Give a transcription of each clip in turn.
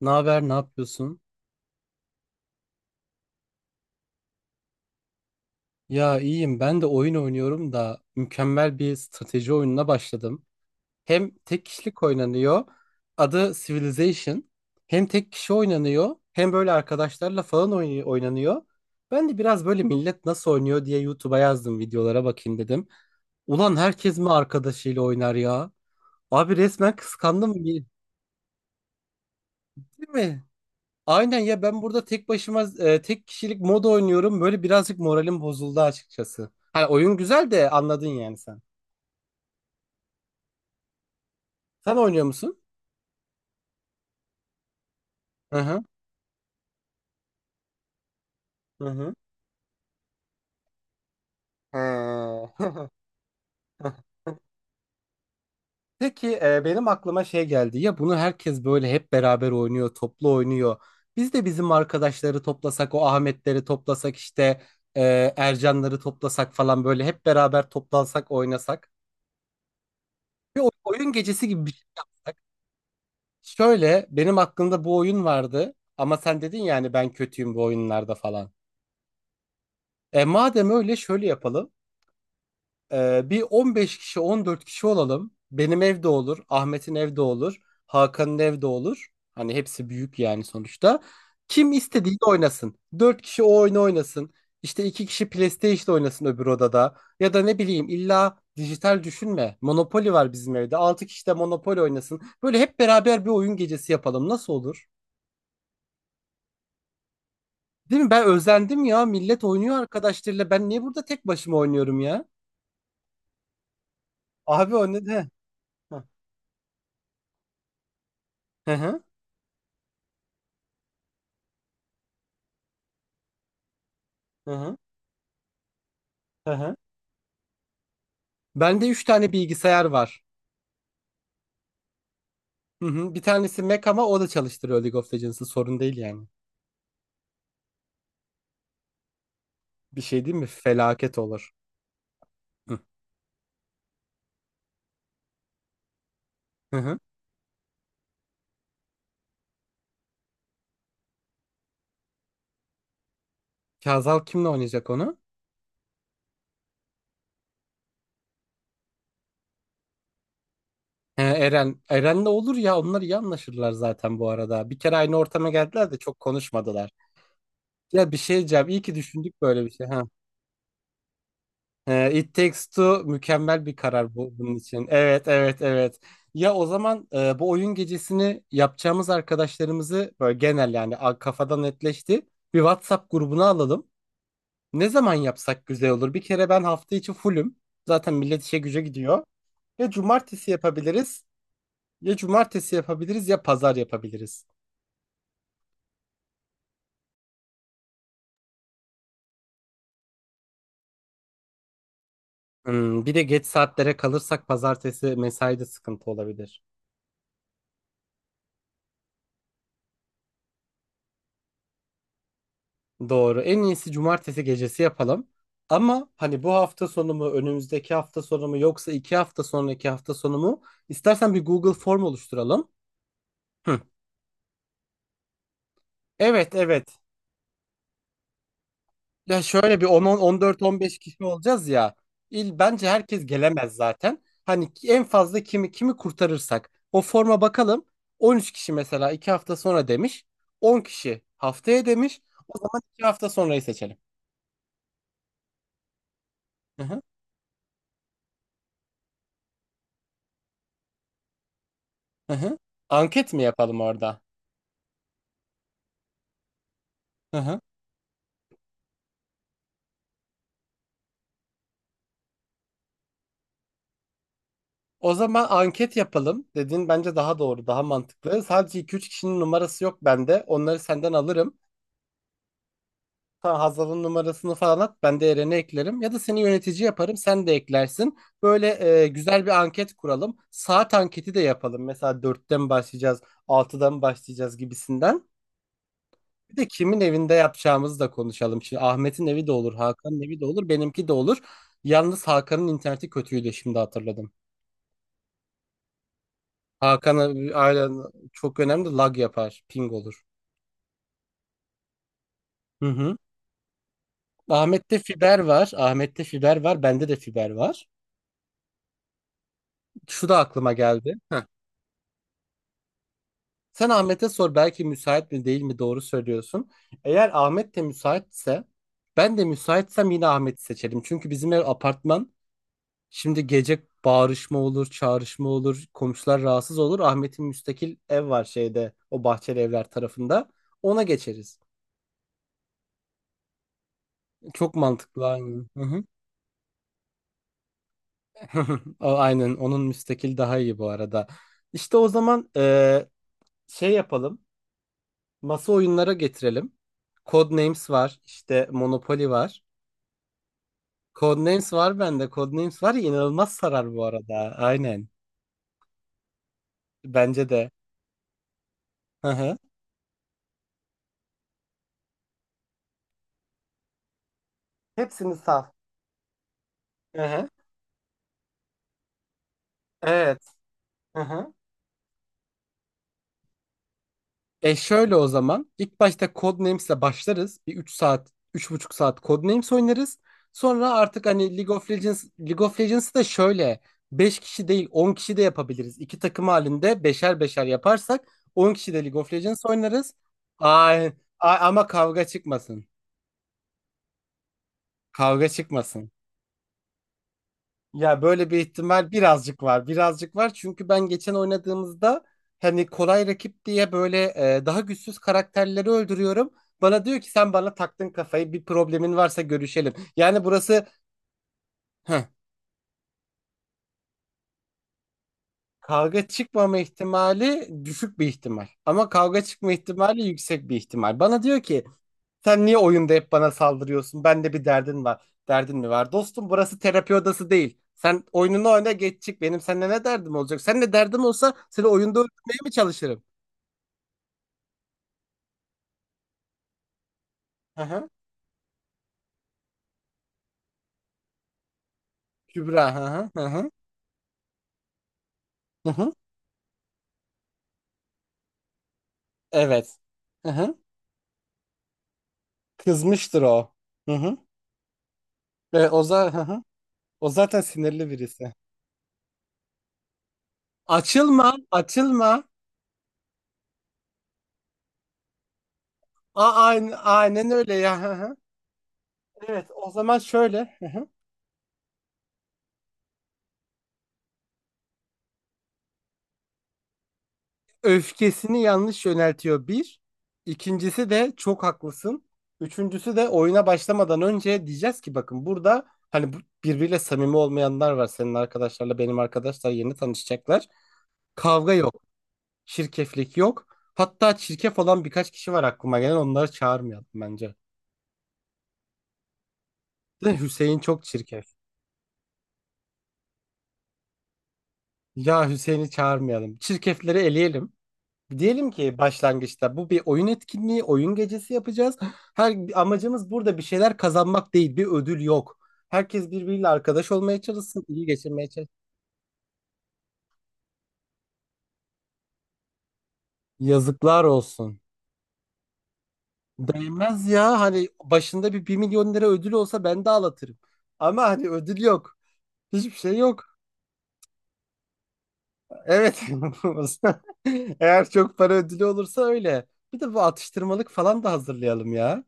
Ne haber, ne yapıyorsun? Ya iyiyim. Ben de oyun oynuyorum da mükemmel bir strateji oyununa başladım. Hem tek kişilik oynanıyor. Adı Civilization. Hem tek kişi oynanıyor, hem böyle arkadaşlarla falan oynanıyor. Ben de biraz böyle millet nasıl oynuyor diye YouTube'a yazdım, videolara bakayım dedim. Ulan herkes mi arkadaşıyla oynar ya? Abi resmen kıskandım. Değil mi? Aynen ya, ben burada tek başıma tek kişilik mod oynuyorum. Böyle birazcık moralim bozuldu açıkçası. Hani oyun güzel de, anladın yani sen. Sen oynuyor musun? Hı hı. Hı hı. Ha. Peki benim aklıma şey geldi. Ya bunu herkes böyle hep beraber oynuyor, toplu oynuyor. Biz de bizim arkadaşları toplasak, o Ahmetleri toplasak, işte e, Ercanları toplasak falan, böyle hep beraber toplansak, oynasak. Bir oyun gecesi gibi bir şey yapsak. Şöyle, benim aklımda bu oyun vardı ama sen dedin yani ben kötüyüm bu oyunlarda falan. E madem öyle, şöyle yapalım. E, bir 15 kişi, 14 kişi olalım. Benim evde olur, Ahmet'in evde olur, Hakan'ın evde olur. Hani hepsi büyük yani sonuçta. Kim istediğini oynasın. 4 kişi o oyunu oynasın. İşte 2 kişi PlayStation oynasın öbür odada. Ya da ne bileyim, illa dijital düşünme. Monopoly var bizim evde. 6 kişi de Monopoly oynasın. Böyle hep beraber bir oyun gecesi yapalım. Nasıl olur? Değil mi? Ben özendim ya. Millet oynuyor arkadaşlarıyla. Ben niye burada tek başıma oynuyorum ya? Abi o ne de? Hı hı, hı hı. Hı hı. Bende 3 tane bilgisayar var. Hı hı. Bir tanesi Mac ama o da çalıştırıyor League of Legends'ı. Sorun değil yani. Bir şey değil mi? Felaket olur. Hı hı. Hı. Kazal kimle oynayacak onu? He, Eren. Eren'le olur ya. Onlar iyi anlaşırlar zaten bu arada. Bir kere aynı ortama geldiler de çok konuşmadılar. Ya, bir şey diyeceğim. İyi ki düşündük böyle bir şey. Ha. It Takes Two mükemmel bir karar bu bunun için. Evet, evet, evet. Ya o zaman bu oyun gecesini yapacağımız arkadaşlarımızı böyle genel yani kafadan netleşti. Bir WhatsApp grubuna alalım. Ne zaman yapsak güzel olur? Bir kere ben hafta içi fullüm. Zaten millet işe güce gidiyor. Ya cumartesi yapabiliriz, ya cumartesi yapabiliriz, ya pazar yapabiliriz. Hmm, bir de geç saatlere kalırsak pazartesi mesaide sıkıntı olabilir. Doğru. En iyisi cumartesi gecesi yapalım. Ama hani bu hafta sonu mu, önümüzdeki hafta sonu mu, yoksa 2 hafta sonraki hafta sonu mu? İstersen bir Google form oluşturalım. Hı. Evet, evet. Ya şöyle bir 10, 14, 15 kişi olacağız ya. İl bence herkes gelemez zaten. Hani en fazla kimi kimi kurtarırsak o forma bakalım. 13 kişi mesela 2 hafta sonra demiş. 10 kişi haftaya demiş. O zaman 2 hafta sonrayı seçelim. Hı hı, hı hı. Anket mi yapalım orada? Hı hı. O zaman anket yapalım. Dediğin bence daha doğru, daha mantıklı. Sadece iki üç kişinin numarası yok bende. Onları senden alırım. Sana Hazal'ın numarasını falan at. Ben de Eren'i eklerim. Ya da seni yönetici yaparım, sen de eklersin. Böyle güzel bir anket kuralım. Saat anketi de yapalım. Mesela dört'ten başlayacağız, altıdan başlayacağız gibisinden. Bir de kimin evinde yapacağımızı da konuşalım. Şimdi Ahmet'in evi de olur, Hakan'ın evi de olur, benimki de olur. Yalnız Hakan'ın interneti kötüydü, şimdi hatırladım. Hakan aynen, çok önemli, lag yapar. Ping olur. Hı hı. Ahmet'te fiber var. Ahmet'te fiber var. Bende de fiber var. Şu da aklıma geldi. Heh. Sen Ahmet'e sor, belki müsait mi değil mi, doğru söylüyorsun. Eğer Ahmet de müsaitse, ben de müsaitsem, yine Ahmet'i seçelim. Çünkü bizim ev apartman. Şimdi gece bağırışma olur, çağrışma olur, komşular rahatsız olur. Ahmet'in müstakil ev var şeyde, o bahçeli evler tarafında. Ona geçeriz. Çok mantıklı aynı. O, aynen, onun müstakil daha iyi bu arada. İşte o zaman şey yapalım. Masa oyunlara getirelim. Codenames var, işte Monopoly var. Codenames var bende. Codenames var ya, inanılmaz sarar bu arada. Aynen. Bence de. Hı hı. Hepsini sal. Hı hı. Evet. Hı hı. E, şöyle o zaman. İlk başta Codenames'le başlarız. Bir 3 saat, 3,5 saat Codenames oynarız. Sonra artık hani League of Legends, League of Legends'ı da şöyle 5 kişi değil, 10 kişi de yapabiliriz. İki takım halinde beşer beşer yaparsak 10 kişi de League of Legends oynarız. Ay, ama kavga çıkmasın. Kavga çıkmasın. Ya böyle bir ihtimal birazcık var. Birazcık var çünkü ben geçen oynadığımızda hani kolay rakip diye böyle daha güçsüz karakterleri öldürüyorum. Bana diyor ki, sen bana taktın kafayı, bir problemin varsa görüşelim. Yani burası heh, kavga çıkmama ihtimali düşük bir ihtimal. Ama kavga çıkma ihtimali yüksek bir ihtimal. Bana diyor ki, sen niye oyunda hep bana saldırıyorsun? Bende bir derdin var. Derdin mi var? Dostum burası terapi odası değil. Sen oyununu oyna, geç çık. Benim seninle ne derdim olacak? Seninle derdim olsa seni oyunda öldürmeye mi çalışırım? Hı hı. Kübra. Hı hı. Hı hı. Hı hı. Evet. Hı hı. Kızmıştır o. Hı hı. Ve o, za Hı hı. O zaten sinirli birisi. Açılma. Açılma. A aynen, aynen öyle ya. Hı hı. Evet. O zaman şöyle. Öfkesini yanlış yöneltiyor bir. İkincisi de çok haklısın. Üçüncüsü de, oyuna başlamadan önce diyeceğiz ki bakın burada hani birbiriyle samimi olmayanlar var. Senin arkadaşlarla benim arkadaşlar yeni tanışacaklar. Kavga yok, şirkeflik yok. Hatta çirkef olan birkaç kişi var aklıma gelen, onları çağırmayalım bence. De Hüseyin çok çirkef. Ya Hüseyin'i çağırmayalım. Çirkefleri eleyelim. Diyelim ki başlangıçta, bu bir oyun etkinliği, oyun gecesi yapacağız. Her amacımız burada bir şeyler kazanmak değil, bir ödül yok. Herkes birbiriyle arkadaş olmaya çalışsın, iyi geçirmeye çalışsın. Yazıklar olsun. Değmez ya, hani başında bir 1 milyon lira ödül olsa ben de ağlatırım. Ama hani ödül yok. Hiçbir şey yok. Evet. Eğer çok para ödülü olursa öyle. Bir de bu atıştırmalık falan da hazırlayalım ya.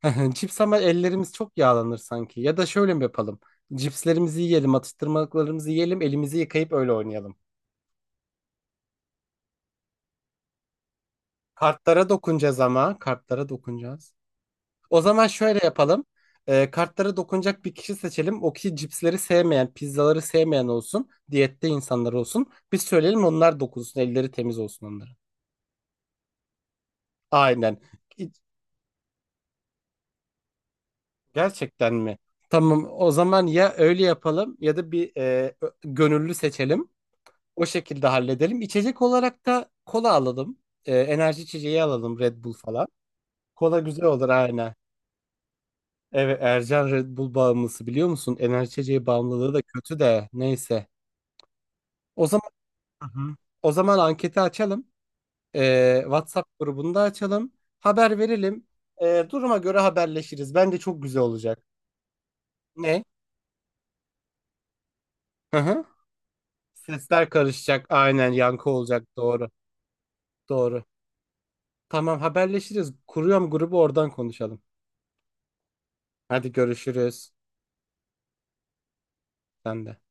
Cips, ama ellerimiz çok yağlanır sanki. Ya da şöyle mi yapalım? Cipslerimizi yiyelim, atıştırmalıklarımızı yiyelim, elimizi yıkayıp öyle oynayalım. Kartlara dokunacağız ama. Kartlara dokunacağız. O zaman şöyle yapalım. Kartlara dokunacak bir kişi seçelim. O kişi cipsleri sevmeyen, pizzaları sevmeyen olsun. Diyette insanlar olsun. Biz söyleyelim, onlar dokunsun. Elleri temiz olsun onların. Aynen. Gerçekten mi? Tamam. O zaman ya öyle yapalım ya da bir gönüllü seçelim. O şekilde halledelim. İçecek olarak da kola alalım. Enerji içeceği alalım, Red Bull falan. Kola güzel olur aynen. Evet, Ercan Red Bull bağımlısı, biliyor musun? Enerji içeceği bağımlılığı da kötü de, neyse. O zaman. Hı hı. O zaman anketi açalım. WhatsApp grubunda açalım. Haber verelim. Duruma göre haberleşiriz. Bence çok güzel olacak. Ne? Hı hı. Sesler karışacak. Aynen, yankı olacak. Doğru. Doğru. Tamam, haberleşiriz. Kuruyorum grubu, oradan konuşalım. Hadi görüşürüz. Sen de.